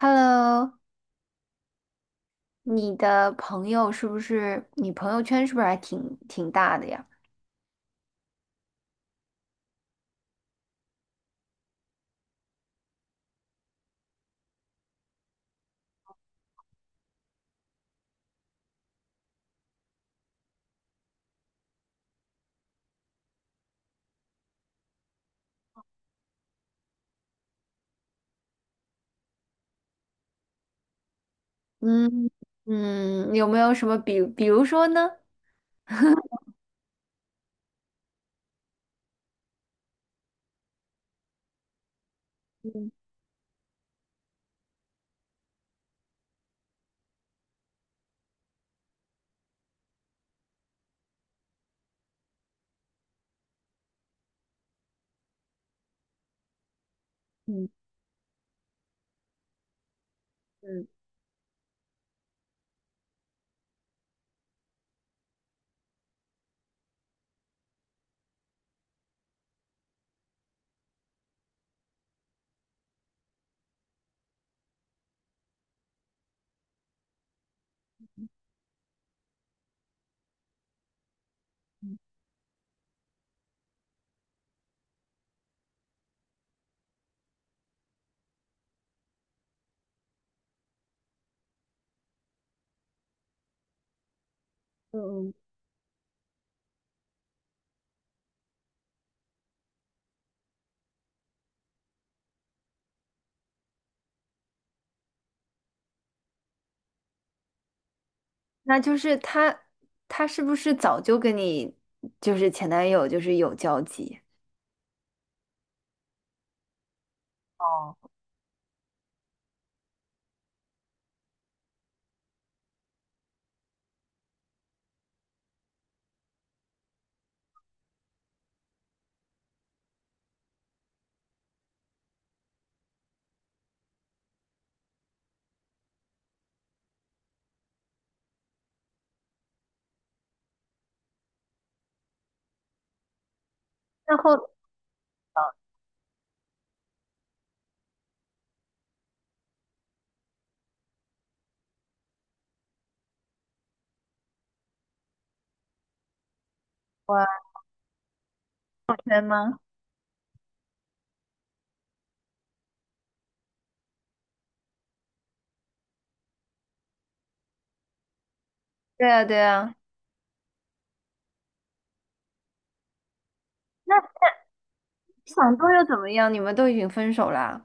Hello,你的朋友是不是你朋友圈是不是还挺大的呀？嗯嗯，有没有什么比如说呢？嗯嗯嗯嗯嗯，那就是他是不是早就跟你就是前男友就是有交集？哦，那后我朋友圈吗？对啊对啊，那想多又怎么样？你们都已经分手啦。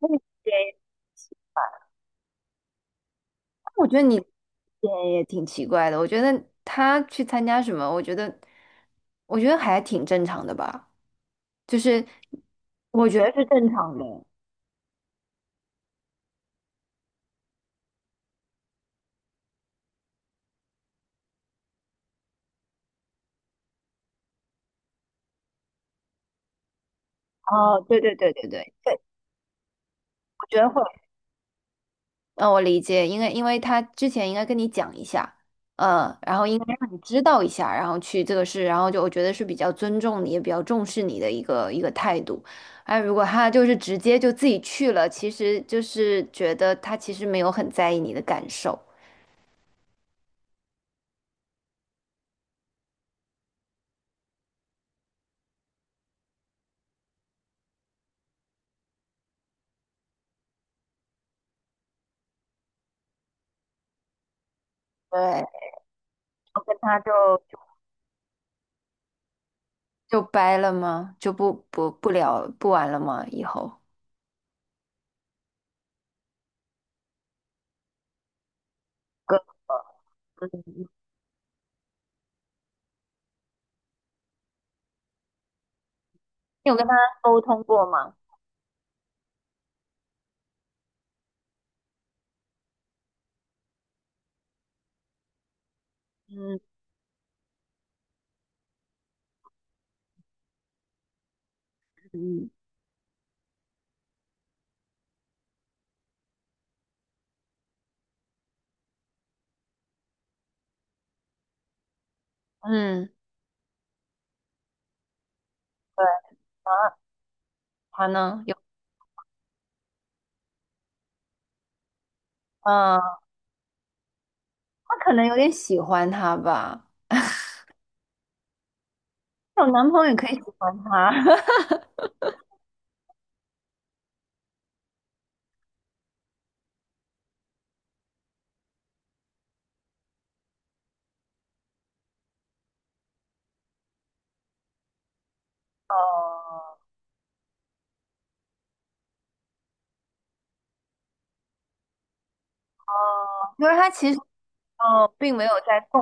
那你我觉得你也挺奇怪的。我觉得他去参加什么，我觉得，我觉得还挺正常的吧。就是我觉得是正常的。哦，对对对对对，我觉得会。嗯，我理解，因为因为他之前应该跟你讲一下，嗯，然后应该让你知道一下，然后去这个事，然后就我觉得是比较尊重你，也比较重视你的一个态度。哎，如果他就是直接就自己去了，其实就是觉得他其实没有很在意你的感受。对，他就就掰了吗？就不聊不玩了吗？以后？你有跟他沟通过吗？嗯嗯，嗯，对啊，他呢？有，嗯，他可能有点喜欢他吧，有男朋友也可以喜欢他。哦哦因为他其实哦，并没有在共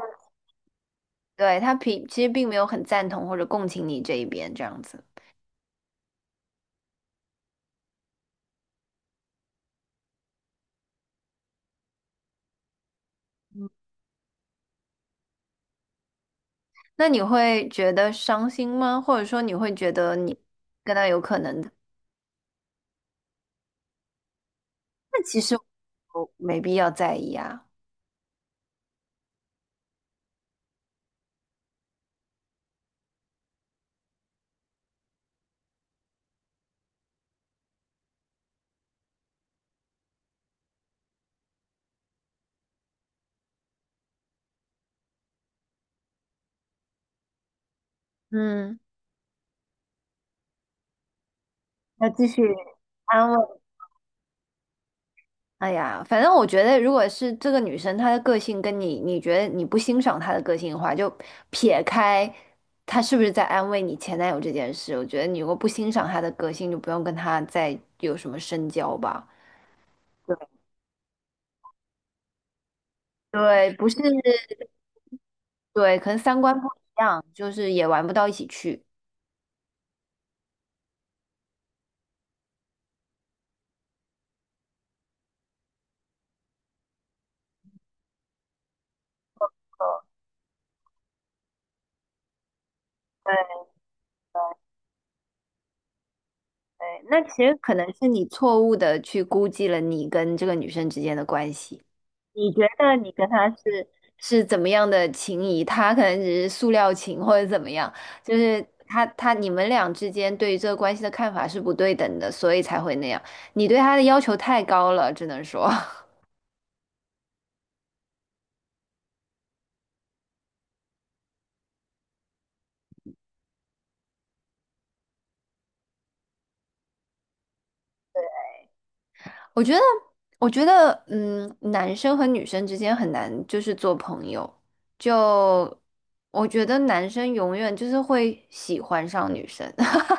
对他并其实并没有很赞同或者共情你这一边这样子。那你会觉得伤心吗？或者说你会觉得你跟他有可能？的？那其实我没必要在意啊。嗯要继续安慰。哎呀，反正我觉得，如果是这个女生她的个性跟你，你觉得你不欣赏她的个性的话，就撇开她是不是在安慰你前男友这件事，我觉得你如果不欣赏她的个性，就不用跟她再有什么深交吧。对对，不是，对，可能三观不一样，就是也玩不到一起去。对。对，那其实可能是你错误的去估计了你跟这个女生之间的关系。你觉得你跟她是怎么样的情谊？她可能只是塑料情或者怎么样，就是她你们俩之间对于这个关系的看法是不对等的，所以才会那样。你对她的要求太高了，只能说，我觉得我觉得嗯，男生和女生之间很难就是做朋友，就我觉得男生永远就是会喜欢上女生。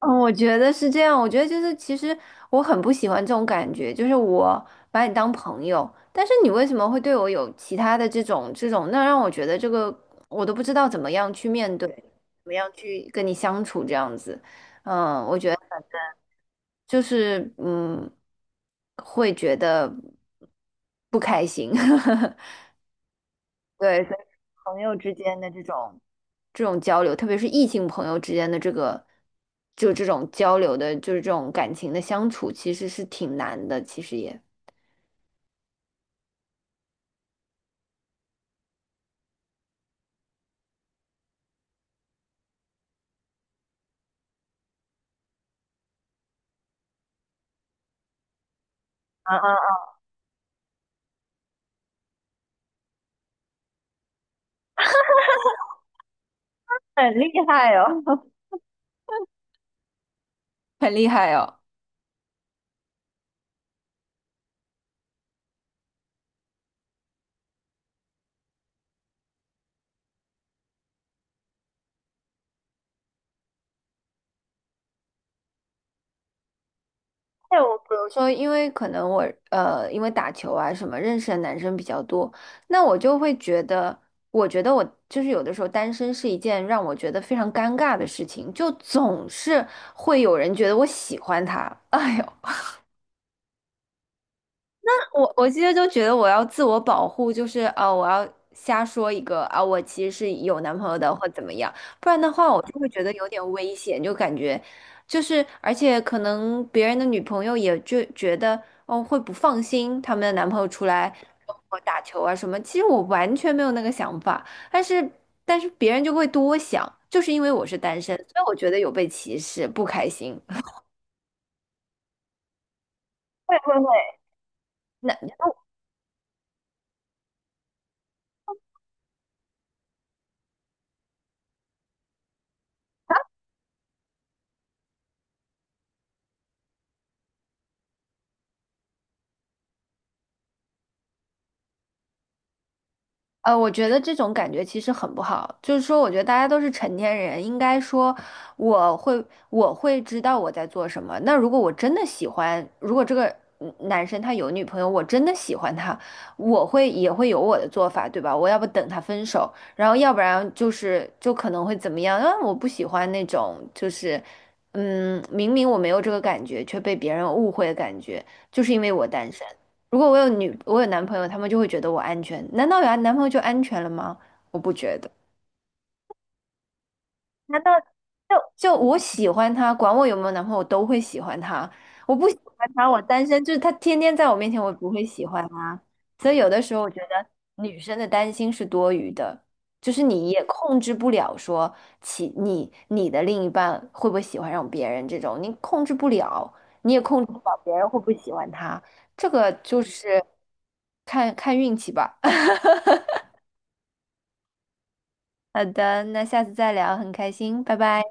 嗯，我觉得是这样。我觉得就是，其实我很不喜欢这种感觉，就是我把你当朋友，但是你为什么会对我有其他的这种，那让我觉得这个我都不知道怎么样去面对，怎么样去跟你相处，这样子，就是嗯，会觉得不开心。对，所以朋友之间的这种。这种交流，特别是异性朋友之间的这个，就这种交流的，就是这种感情的相处，其实是挺难的，其实也啊啊啊，很厉害哦！很厉害哦。哎，我比如说，因为可能我因为打球啊什么，认识的男生比较多，那我就会觉得，我觉得我就是有的时候单身是一件让我觉得非常尴尬的事情，就总是会有人觉得我喜欢他，哎呦，我其实就觉得我要自我保护，就是我要瞎说一个啊、我其实是有男朋友的或怎么样，不然的话我就会觉得有点危险，就感觉就是而且可能别人的女朋友也就觉得哦会不放心他们的男朋友出来跟我打球啊什么，其实我完全没有那个想法，但是但是别人就会多想，就是因为我是单身，所以我觉得有被歧视，不开心。会会会，那。我觉得这种感觉其实很不好，就是说，我觉得大家都是成年人，应该说我会我会知道我在做什么。那如果我真的喜欢，如果这个嗯男生他有女朋友，我真的喜欢他，我会也会有我的做法，对吧？我要不等他分手，然后要不然就是就可能会怎么样？啊，我不喜欢那种就是嗯，明明我没有这个感觉，却被别人误会的感觉，就是因为我单身。如果我有女，我有男朋友，他们就会觉得我安全。难道有男朋友就安全了吗？我不觉得。难道就就我喜欢他，管我有没有男朋友，我都会喜欢他。我不喜欢他，我单身，就是他天天在我面前，我也不会喜欢他。所以有的时候我觉得女生的担心是多余的，就是你也控制不了说其你的另一半会不会喜欢上别人这种，你控制不了，你也控制不了别人会不会喜欢他，这个就是看看运气吧。好的，那下次再聊，很开心，拜拜。